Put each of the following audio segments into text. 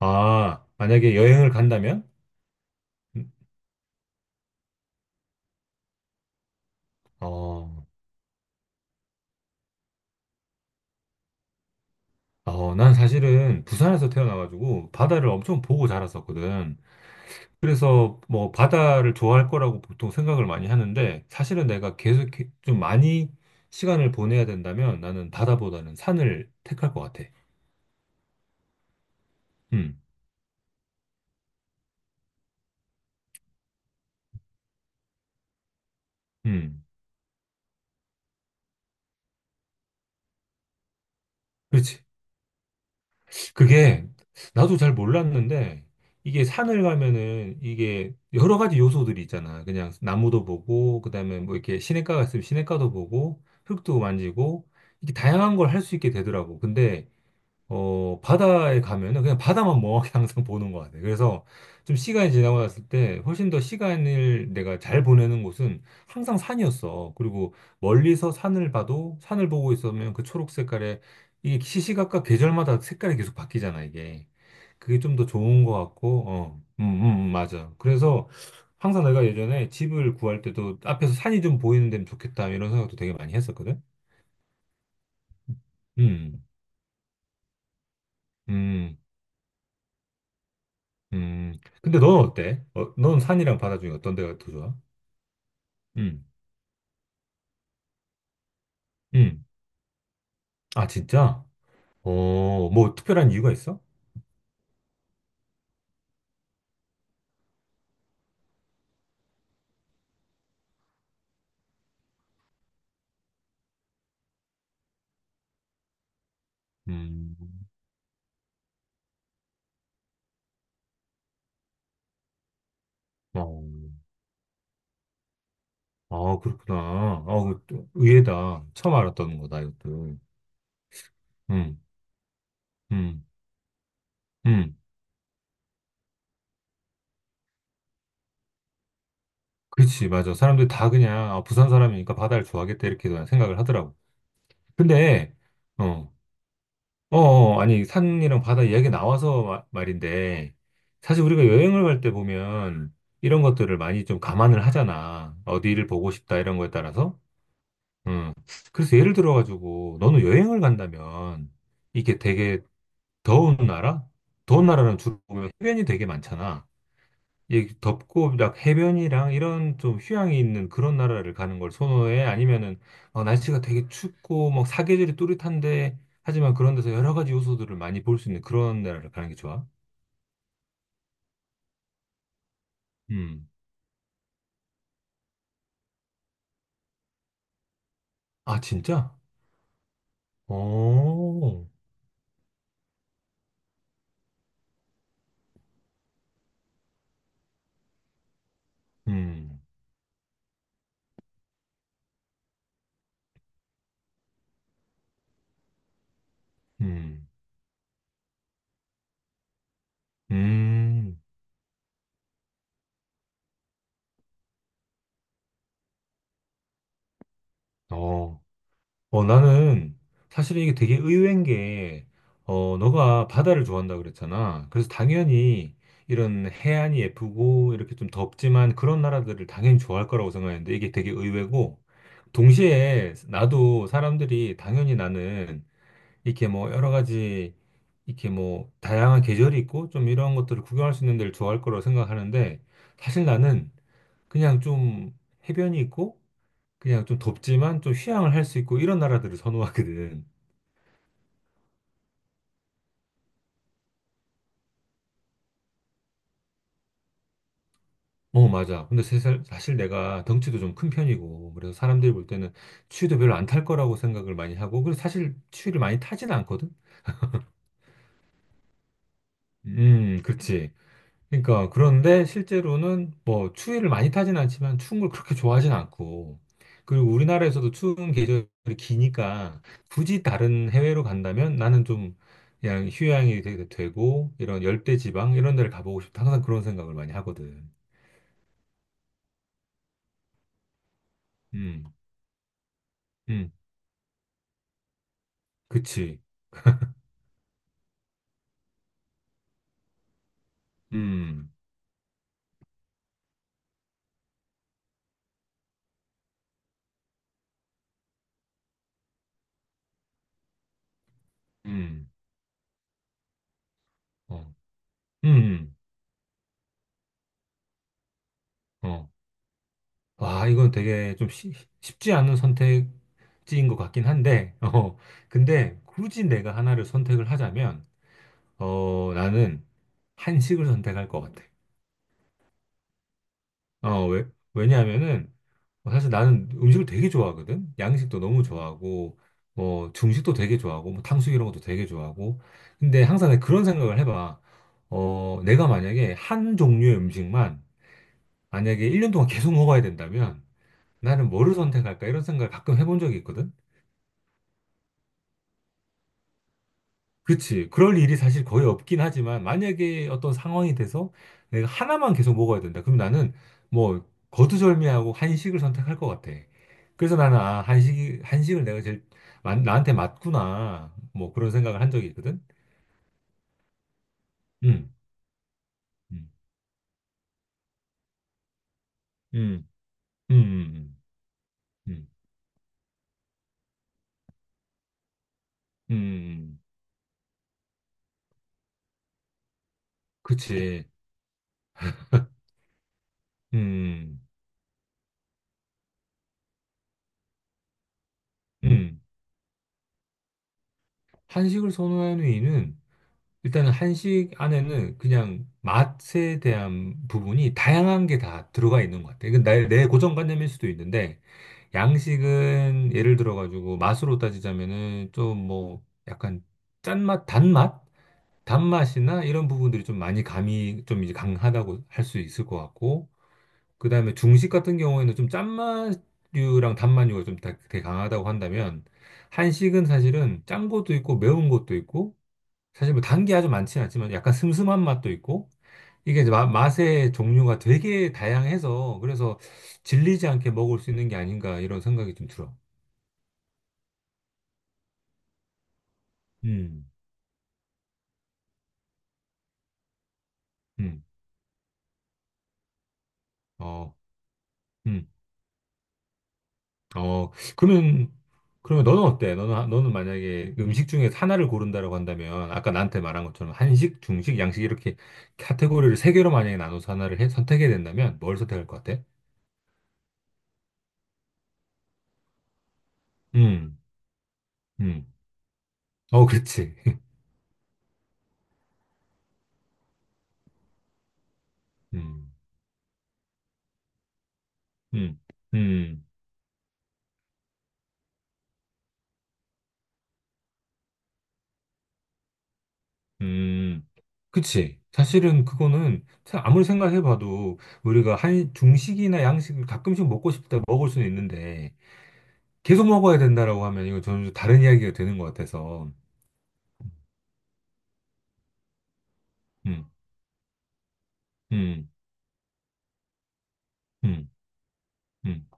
아, 만약에 여행을 간다면? 음, 어, 난 사실은 부산에서 태어나가지고 바다를 엄청 보고 자랐었거든. 그래서 뭐 바다를 좋아할 거라고 보통 생각을 많이 하는데 사실은 내가 계속 이렇게 좀 많이 시간을 보내야 된다면 나는 바다보다는 산을 택할 것 같아. 음, 음. 그렇지. 그게 나도 잘 몰랐는데 이게 산을 가면은 이게 여러 가지 요소들이 있잖아. 그냥 나무도 보고 그다음에 뭐 이렇게 시냇가 있으면 시냇가도 보고 흙도 만지고 이게 다양한 걸 할 수 있게 되더라고. 근데 바다에 가면은 그냥 바다만 멍하게 항상 보는 것 같아요. 그래서 좀 시간이 지나고 났을 때 훨씬 더 시간을 내가 잘 보내는 곳은 항상 산이었어. 그리고 멀리서 산을 봐도 산을 보고 있으면 그 초록 색깔에 이게 시시각각 계절마다 색깔이 계속 바뀌잖아, 이게. 그게 좀 더 좋은 것 같고, 맞아. 그래서 항상 내가 예전에 집을 구할 때도 앞에서 산이 좀 보이는 데면 좋겠다 이런 생각도 되게 많이 했었거든. 음, 음. 음, 근데 넌 어때? 넌 산이랑 바다 중에 어떤 데가 더 좋아? 음, 음. 아, 진짜? 뭐 특별한 이유가 있어? 음, 어, 아, 그렇구나. 아, 그또 의외다. 처음 알았던 거다, 이것도. 음, 음, 음. 그렇지, 맞아. 사람들이 다 그냥, 아, 부산 사람이니까 바다를 좋아하겠다, 이렇게 그냥 생각을 하더라고. 근데, 어, 아니, 산이랑 바다 이야기 나와서 말인데, 사실 우리가 여행을 갈 때 보면 이런 것들을 많이 좀 감안을 하잖아. 어디를 보고 싶다, 이런 거에 따라서. 음. 그래서 예를 들어가지고, 너는 여행을 간다면, 이게 되게 더운 나라? 더운 나라는 주로 보면 해변이 되게 많잖아. 이 덥고 막 해변이랑 이런 좀 휴양이 있는 그런 나라를 가는 걸 선호해? 아니면은 날씨가 되게 춥고 막 사계절이 뚜렷한데 하지만 그런 데서 여러 가지 요소들을 많이 볼 수 있는 그런 나라를 가는 게 좋아? 음. 아, 진짜? 오 음. 음. 음. 어. 나는 사실 이게 되게 의외인 게, 너가 바다를 좋아한다 그랬잖아. 그래서 당연히 이런 해안이 예쁘고 이렇게 좀 덥지만 그런 나라들을 당연히 좋아할 거라고 생각했는데 이게 되게 의외고, 동시에 나도 사람들이 당연히 나는 이렇게 뭐 여러 가지 이렇게 뭐 다양한 계절이 있고 좀 이런 것들을 구경할 수 있는 데를 좋아할 거라고 생각하는데 사실 나는 그냥 좀 해변이 있고 그냥 좀 덥지만 좀 휴양을 할 수 있고 이런 나라들을 선호하거든. 맞아. 근데 사실 내가 덩치도 좀 큰 편이고, 그래서 사람들이 볼 때는 추위도 별로 안 탈 거라고 생각을 많이 하고, 그리고 사실 추위를 많이 타진 않거든? 그렇지. 그러니까 그런데 실제로는 뭐 추위를 많이 타진 않지만 추운 걸 그렇게 좋아하진 않고 그리고 우리나라에서도 추운 계절이 기니까 굳이 다른 해외로 간다면 나는 좀 그냥 휴양이 되고 이런 열대 지방 이런 데를 가보고 싶다 항상 그런 생각을 많이 하거든. 음, 음, 그치. 음, 음, 어, 음, 어. 와, 이건 되게 좀 쉽지 않은 선택지인 것 같긴 한데, 어, 근데 굳이 내가 하나를 선택을 하자면 나는 한식을 선택할 것 같아. 왜? 왜냐하면은, 사실 나는 음식을 되게 좋아하거든? 양식도 너무 좋아하고, 뭐, 중식도 되게 좋아하고, 뭐, 탕수육 이런 것도 되게 좋아하고. 근데 항상 내가 그런 생각을 해봐. 내가 만약에 한 종류의 음식만, 만약에 1년 동안 계속 먹어야 된다면, 나는 뭐를 선택할까? 이런 생각을 가끔 해본 적이 있거든? 그치. 그럴 일이 사실 거의 없긴 하지만, 만약에 어떤 상황이 돼서 내가 하나만 계속 먹어야 된다. 그럼 나는 뭐, 거두절미하고 한식을 선택할 것 같아. 그래서 나는, 아, 한식을 내가 제일, 나한테 맞구나. 뭐, 그런 생각을 한 적이 있거든. 음, 음, 음, 음, 음, 음, 음, 음. 그치. 음, 음. 한식을 선호하는 이유는 일단은 한식 안에는 그냥 맛에 대한 부분이 다양한 게 다 들어가 있는 것 같아요. 이건 내 고정관념일 수도 있는데, 양식은 예를 들어가지고 맛으로 따지자면은 좀 뭐 약간 짠맛, 단맛? 단맛이나 이런 부분들이 좀 많이 감이 좀 이제 강하다고 할 수 있을 것 같고, 그 다음에 중식 같은 경우에는 좀 짠맛류랑 단맛류가 좀 되게 강하다고 한다면, 한식은 사실은 짠 것도 있고 매운 것도 있고 사실 뭐 단 게 아주 많지는 않지만 약간 슴슴한 맛도 있고 이게 이제 맛의 종류가 되게 다양해서 그래서 질리지 않게 먹을 수 있는 게 아닌가 이런 생각이 좀 들어. 음, 음, 어, 음, 어. 그러면 너는 어때? 너는 만약에 음식 중에서 하나를 고른다라고 한다면 아까 나한테 말한 것처럼 한식, 중식, 양식 이렇게 카테고리를 세 개로 만약에 나눠서 하나를 선택해야 된다면 뭘 선택할 것 같아? 음, 음, 어, 그렇지. 음, 음, 음. 음, 그치. 사실은 그거는 아무리 생각해봐도 우리가 한 중식이나 양식을 가끔씩 먹고 싶다 먹을 수는 있는데 계속 먹어야 된다라고 하면 이거 전혀 다른 이야기가 되는 것 같아서. 음, 음, 음, 음,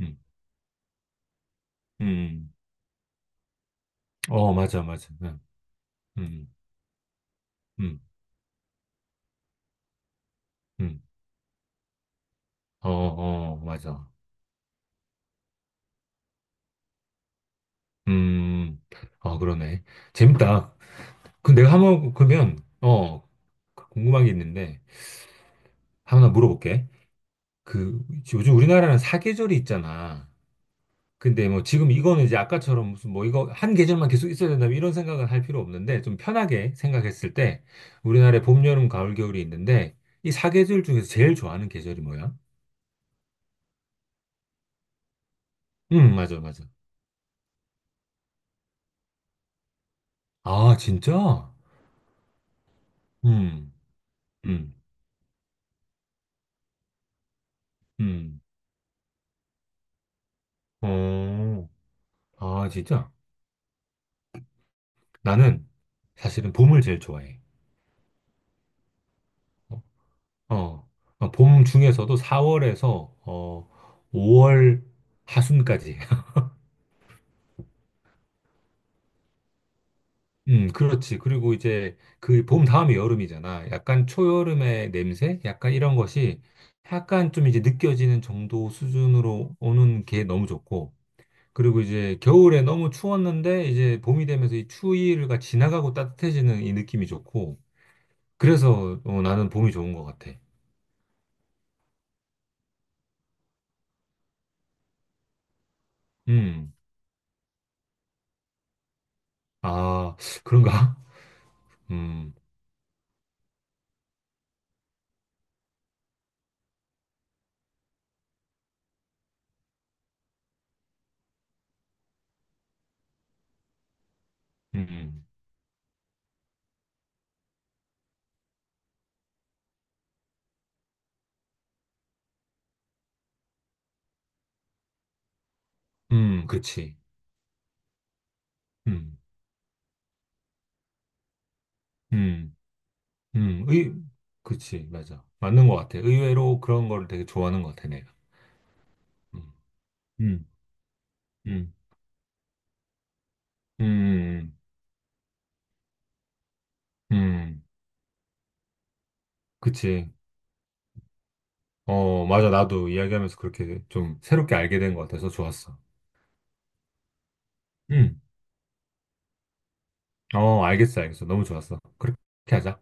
음, 음. 맞아, 맞아. 음, 음, 음. 맞아. 음, 그러네. 재밌다. 그 내가 한번 그러면 궁금한 게 있는데 하나 물어볼게. 그 요즘 우리나라는 사계절이 있잖아. 근데 뭐 지금 이거는 이제 아까처럼 무슨 뭐 이거 한 계절만 계속 있어야 된다 뭐 이런 생각은 할 필요 없는데 좀 편하게 생각했을 때 우리나라에 봄, 여름, 가을, 겨울이 있는데 이 사계절 중에서 제일 좋아하는 계절이 뭐야? 맞아, 맞아. 아, 진짜? 음, 음, 음. 어, 아, 진짜? 나는 사실은 봄을 제일 좋아해. 어, 어. 봄 중에서도 4월에서 5월 하순까지. 그렇지. 그리고 이제 그 봄 다음이 여름이잖아. 약간 초여름의 냄새? 약간 이런 것이 약간 좀 이제 느껴지는 정도 수준으로 오는 게 너무 좋고. 그리고 이제 겨울에 너무 추웠는데 이제 봄이 되면서 이 추위가 지나가고 따뜻해지는 이 느낌이 좋고. 그래서 나는 봄이 좋은 것 같아. 음, 아, 그런가? 음, 음, 그렇지. 음, 음. 음, 의, 그치, 맞아. 맞는 것 같아. 의외로 그런 걸 되게 좋아하는 것 같아, 내가. 음, 음, 음, 음, 음, 그치. 맞아. 나도 이야기하면서 그렇게 좀 새롭게 알게 된 것 같아서 좋았어. 음, 알겠어, 알겠어. 너무 좋았어. 그렇게 하자.